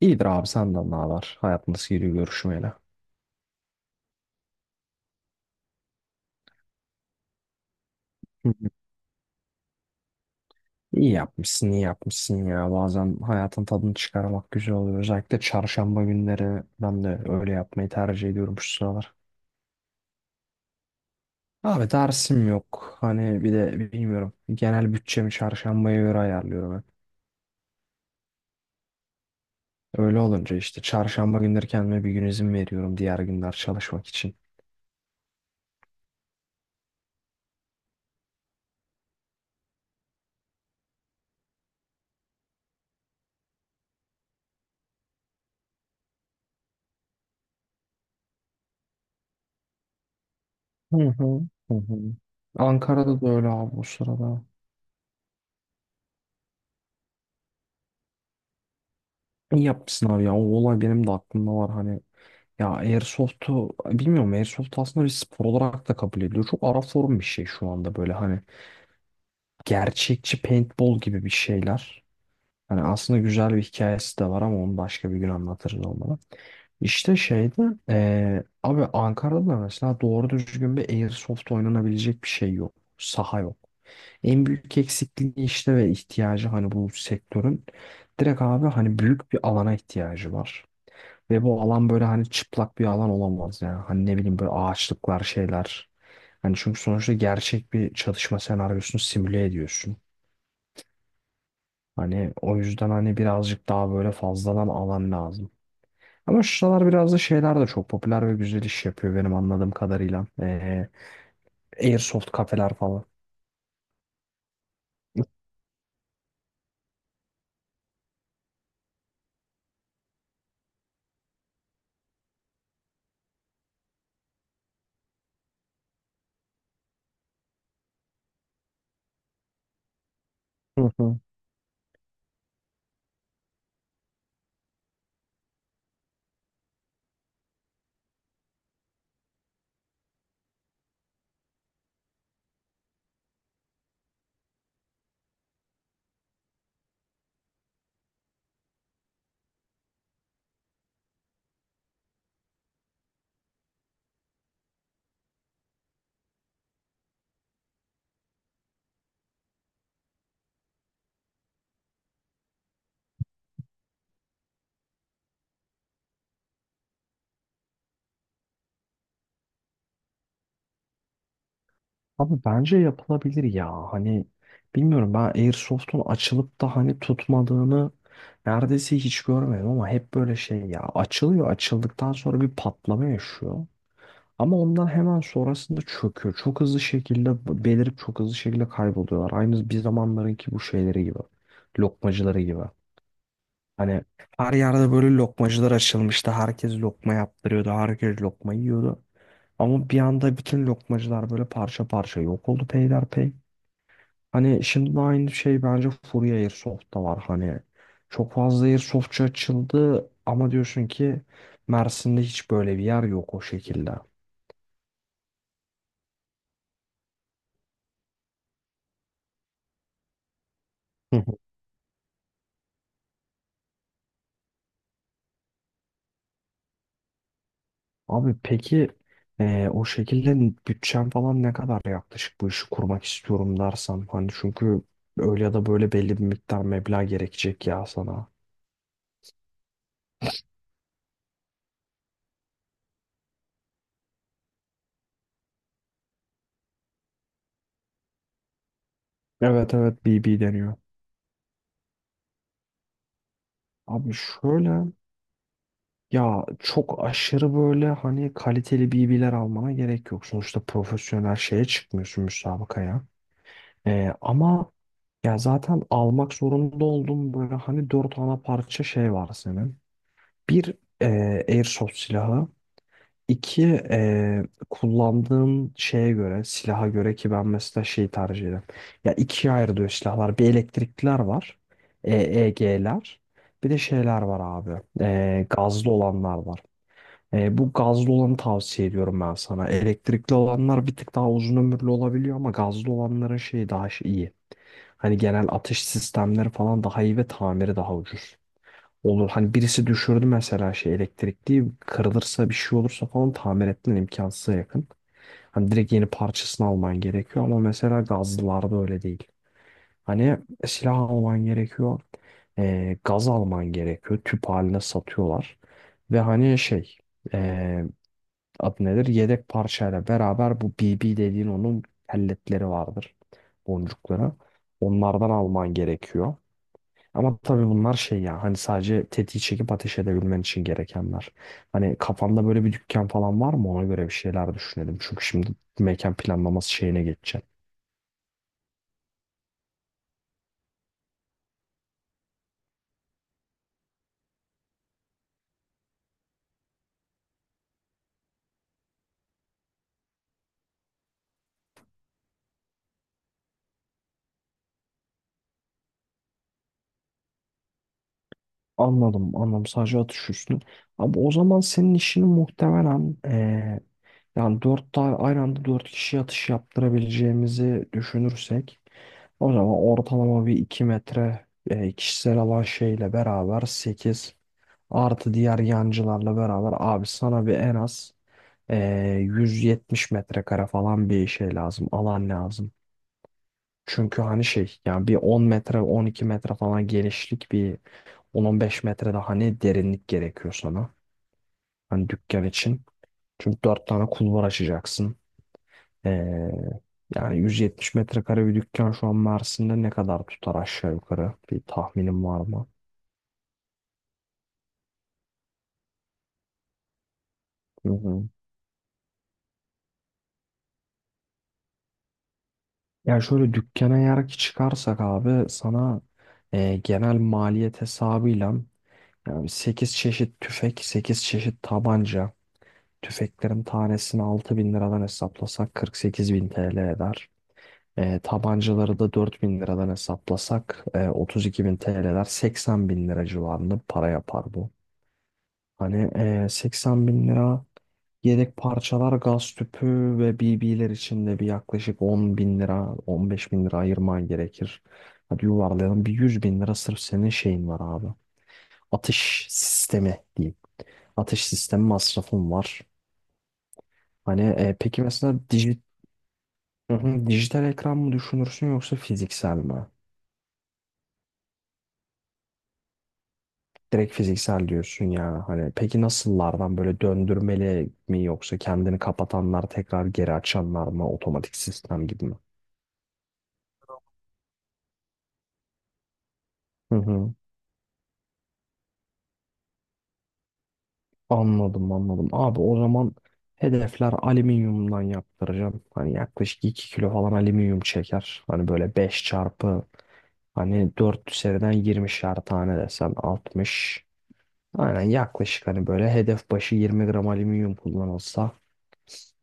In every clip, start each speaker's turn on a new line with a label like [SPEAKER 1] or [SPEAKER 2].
[SPEAKER 1] İyidir abi senden ne haber? Hayat nasıl gidiyor görüşmeyle? Hı hı. İyi yapmışsın, iyi yapmışsın ya. Bazen hayatın tadını çıkarmak güzel oluyor. Özellikle çarşamba günleri ben de öyle yapmayı tercih ediyorum şu sıralar. Abi dersim yok. Hani bir de bilmiyorum. Genel bütçemi çarşambaya göre ayarlıyorum hep. Öyle olunca işte çarşamba günleri kendime bir gün izin veriyorum diğer günler çalışmak için. Hı hı. Hı hı. Ankara'da da öyle abi bu sırada. İyi yapmışsın abi ya. O olay benim de aklımda var hani. Ya Airsoft'u bilmiyorum, Airsoft aslında bir spor olarak da kabul ediliyor. Çok ara form bir şey şu anda böyle hani gerçekçi paintball gibi bir şeyler. Hani aslında güzel bir hikayesi de var ama onu başka bir gün anlatırız olmalı. İşte şeyde abi, Ankara'da da mesela doğru düzgün bir Airsoft oynanabilecek bir şey yok. Saha yok. En büyük eksikliği işte ve ihtiyacı hani bu sektörün direkt abi hani büyük bir alana ihtiyacı var. Ve bu alan böyle hani çıplak bir alan olamaz ya. Hani ne bileyim böyle ağaçlıklar şeyler. Hani çünkü sonuçta gerçek bir çalışma senaryosunu simüle ediyorsun. Hani o yüzden hani birazcık daha böyle fazladan alan lazım. Ama şu sıralar biraz da şeyler de çok popüler ve güzel iş yapıyor benim anladığım kadarıyla. Airsoft kafeler falan. Hı hı. Abi bence yapılabilir ya. Hani bilmiyorum, ben Airsoft'un açılıp da hani tutmadığını neredeyse hiç görmedim ama hep böyle şey ya, açılıyor açıldıktan sonra bir patlama yaşıyor. Ama ondan hemen sonrasında çöküyor. Çok hızlı şekilde belirip çok hızlı şekilde kayboluyorlar. Aynı bir zamanlarınki bu şeyleri gibi. Lokmacıları gibi. Hani her yerde böyle lokmacılar açılmıştı. Herkes lokma yaptırıyordu. Herkes lokma yiyordu. Ama bir anda bütün lokmacılar böyle parça parça yok oldu peyderpey. Hani şimdi de aynı şey bence Fury Airsoft'ta var. Hani çok fazla Airsoft'çu açıldı ama diyorsun ki Mersin'de hiç böyle bir yer yok o şekilde. Abi peki o şekilde bütçen falan ne kadar, yaklaşık bu işi kurmak istiyorum dersen, hani çünkü öyle ya da böyle belli bir miktar meblağ gerekecek ya sana. Evet evet, BB deniyor. Abi şöyle, ya çok aşırı böyle hani kaliteli BB'ler almana gerek yok. Sonuçta profesyonel şeye çıkmıyorsun müsabakaya. Ama ya zaten almak zorunda olduğum böyle hani dört ana parça şey var senin. Bir airsoft silahı. İki, kullandığım şeye göre, silaha göre, ki ben mesela şeyi tercih ederim. Ya ikiye ayrılıyor silahlar. Bir, elektrikliler var. EEG'ler. Bir de şeyler var abi. Gazlı olanlar var. Bu gazlı olanı tavsiye ediyorum ben sana. Elektrikli olanlar bir tık daha uzun ömürlü olabiliyor ama gazlı olanların şeyi daha iyi. Hani genel atış sistemleri falan daha iyi ve tamiri daha ucuz. Olur hani, birisi düşürdü mesela şey, elektrikli kırılırsa bir şey olursa falan tamir etmen imkansıza yakın. Hani direkt yeni parçasını alman gerekiyor ama mesela gazlılarda öyle değil. Hani silah alman gerekiyor. Gaz alman gerekiyor. Tüp haline satıyorlar. Ve hani şey, e, adı nedir? Yedek parçayla beraber bu BB dediğin, onun pelletleri vardır. Boncukları. Onlardan alman gerekiyor. Ama tabii bunlar şey ya, hani sadece tetiği çekip ateş edebilmen için gerekenler. Hani kafanda böyle bir dükkan falan var mı, ona göre bir şeyler düşünelim. Çünkü şimdi mekan planlaması şeyine geçeceğim. Anladım anladım, sadece atış üstüne. Ama o zaman senin işini muhtemelen, yani dört tane aynı anda dört kişi atış yaptırabileceğimizi düşünürsek o zaman ortalama bir iki metre kişisel alan şeyle beraber sekiz, artı diğer yancılarla beraber abi sana bir en az 170 metrekare falan bir şey lazım, alan lazım. Çünkü hani şey yani bir 10 metre 12 metre falan genişlik, bir 10-15 metre de hani derinlik gerekiyor sana. Hani dükkan için. Çünkü 4 tane kulvar açacaksın. Ee, yani 170 metrekare bir dükkan şu an Mersin'de ne kadar tutar aşağı yukarı? Bir tahminim var mı? Hı hı. Yani şöyle, dükkana eğer ki çıkarsak abi sana genel maliyet hesabıyla. Yani 8 çeşit tüfek, 8 çeşit tabanca. Tüfeklerin tanesini 6.000 liradan hesaplasak 48.000 TL eder. Tabancaları da 4.000 liradan hesaplasak 32.000 TL eder. 80.000 lira civarında para yapar bu. Hani 80 bin lira, yedek parçalar, gaz tüpü ve BB'ler için de bir yaklaşık 10.000 lira, 15.000 lira ayırman gerekir. Hadi yuvarlayalım. Bir 100.000 lira sırf senin şeyin var abi. Atış sistemi diyeyim. Ateş sistemi masrafım var. Hani peki mesela Hı hı, dijital ekran mı düşünürsün yoksa fiziksel mi? Direkt fiziksel diyorsun ya. Hani peki, nasıllardan, böyle döndürmeli mi yoksa kendini kapatanlar tekrar geri açanlar mı, otomatik sistem gibi mi? Hı hı. Anladım anladım. Abi o zaman hedefler alüminyumdan yaptıracağım. Hani yaklaşık 2 kilo falan alüminyum çeker. Hani böyle 5 çarpı, hani 4 seriden yirmişer tane desen 60. Aynen, yaklaşık hani böyle hedef başı 20 gram alüminyum kullanılsa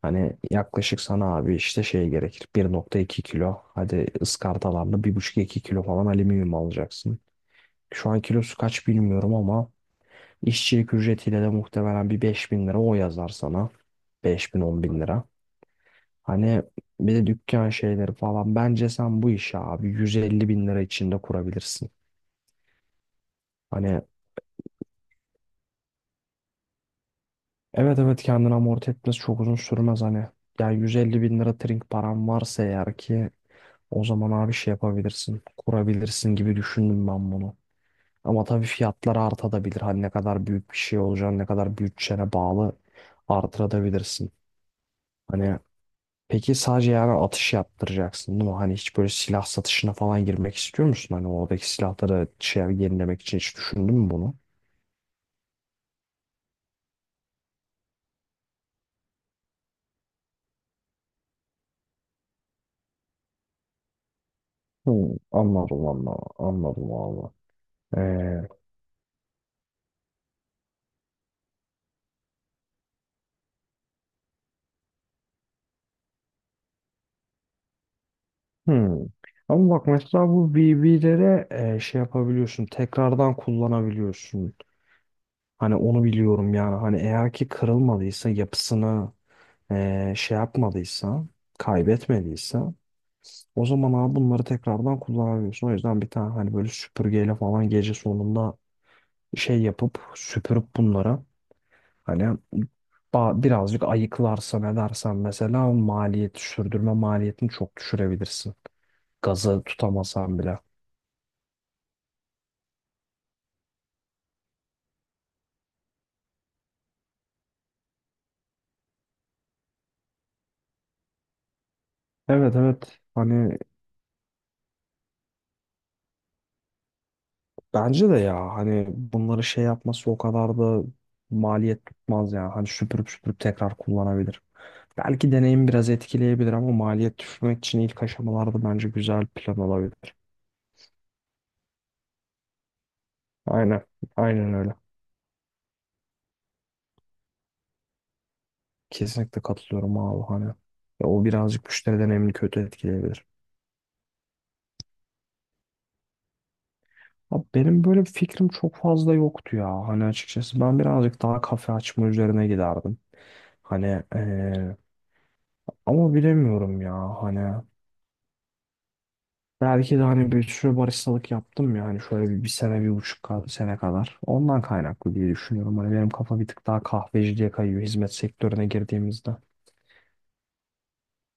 [SPEAKER 1] hani yaklaşık sana abi işte şey gerekir, 1,2 kilo, hadi ıskartalarla bir buçuk iki kilo falan alüminyum alacaksın. Şu an kilosu kaç bilmiyorum ama işçilik ücretiyle de muhtemelen bir 5.000 lira o yazar sana. Beş bin 10 bin lira. Hani bir de dükkan şeyleri falan, bence sen bu işi abi 150 bin lira içinde kurabilirsin. Hani evet evet, kendini amorti etmesi çok uzun sürmez hani. Yani 150 bin lira trink param varsa eğer ki, o zaman abi şey yapabilirsin. Kurabilirsin gibi düşündüm ben bunu. Ama tabii fiyatlar artabilir. Hani ne kadar büyük bir şey olacağını, ne kadar bütçene bağlı artırabilirsin. Hani peki, sadece yani atış yaptıracaksın değil mi? Hani hiç böyle silah satışına falan girmek istiyor musun? Hani oradaki silahları şey, yenilemek için hiç düşündün mü bunu? Hı, anladım anladım anladım abi. Hmm. Ama bak mesela bu VB'lere şey yapabiliyorsun. Tekrardan kullanabiliyorsun. Hani onu biliyorum yani. Hani eğer ki kırılmadıysa, yapısını şey yapmadıysa, kaybetmediyse, o zaman abi bunları tekrardan kullanabiliyorsun. O yüzden bir tane hani böyle süpürgeyle falan gece sonunda şey yapıp süpürüp bunlara hani birazcık ayıklarsan edersen mesela maliyet, sürdürme maliyetini çok düşürebilirsin. Gazı tutamasan bile. Evet evet hani bence de ya, hani bunları şey yapması o kadar da maliyet tutmaz ya, hani süpürüp süpürüp tekrar kullanabilir. Belki deneyim biraz etkileyebilir ama maliyet düşürmek için ilk aşamalarda bence güzel plan olabilir. Aynen aynen öyle, kesinlikle katılıyorum abi hani. Ya o birazcık müşteri deneyimini kötü etkileyebilir. Abi benim böyle bir fikrim çok fazla yoktu ya hani, açıkçası ben birazcık daha kafe açma üzerine giderdim. Hani ama bilemiyorum ya hani. Belki de hani bir sürü baristalık yaptım, yani şöyle bir sene bir buçuk sene kadar. Ondan kaynaklı diye düşünüyorum. Hani benim kafa bir tık daha kahveciliğe kayıyor hizmet sektörüne girdiğimizde.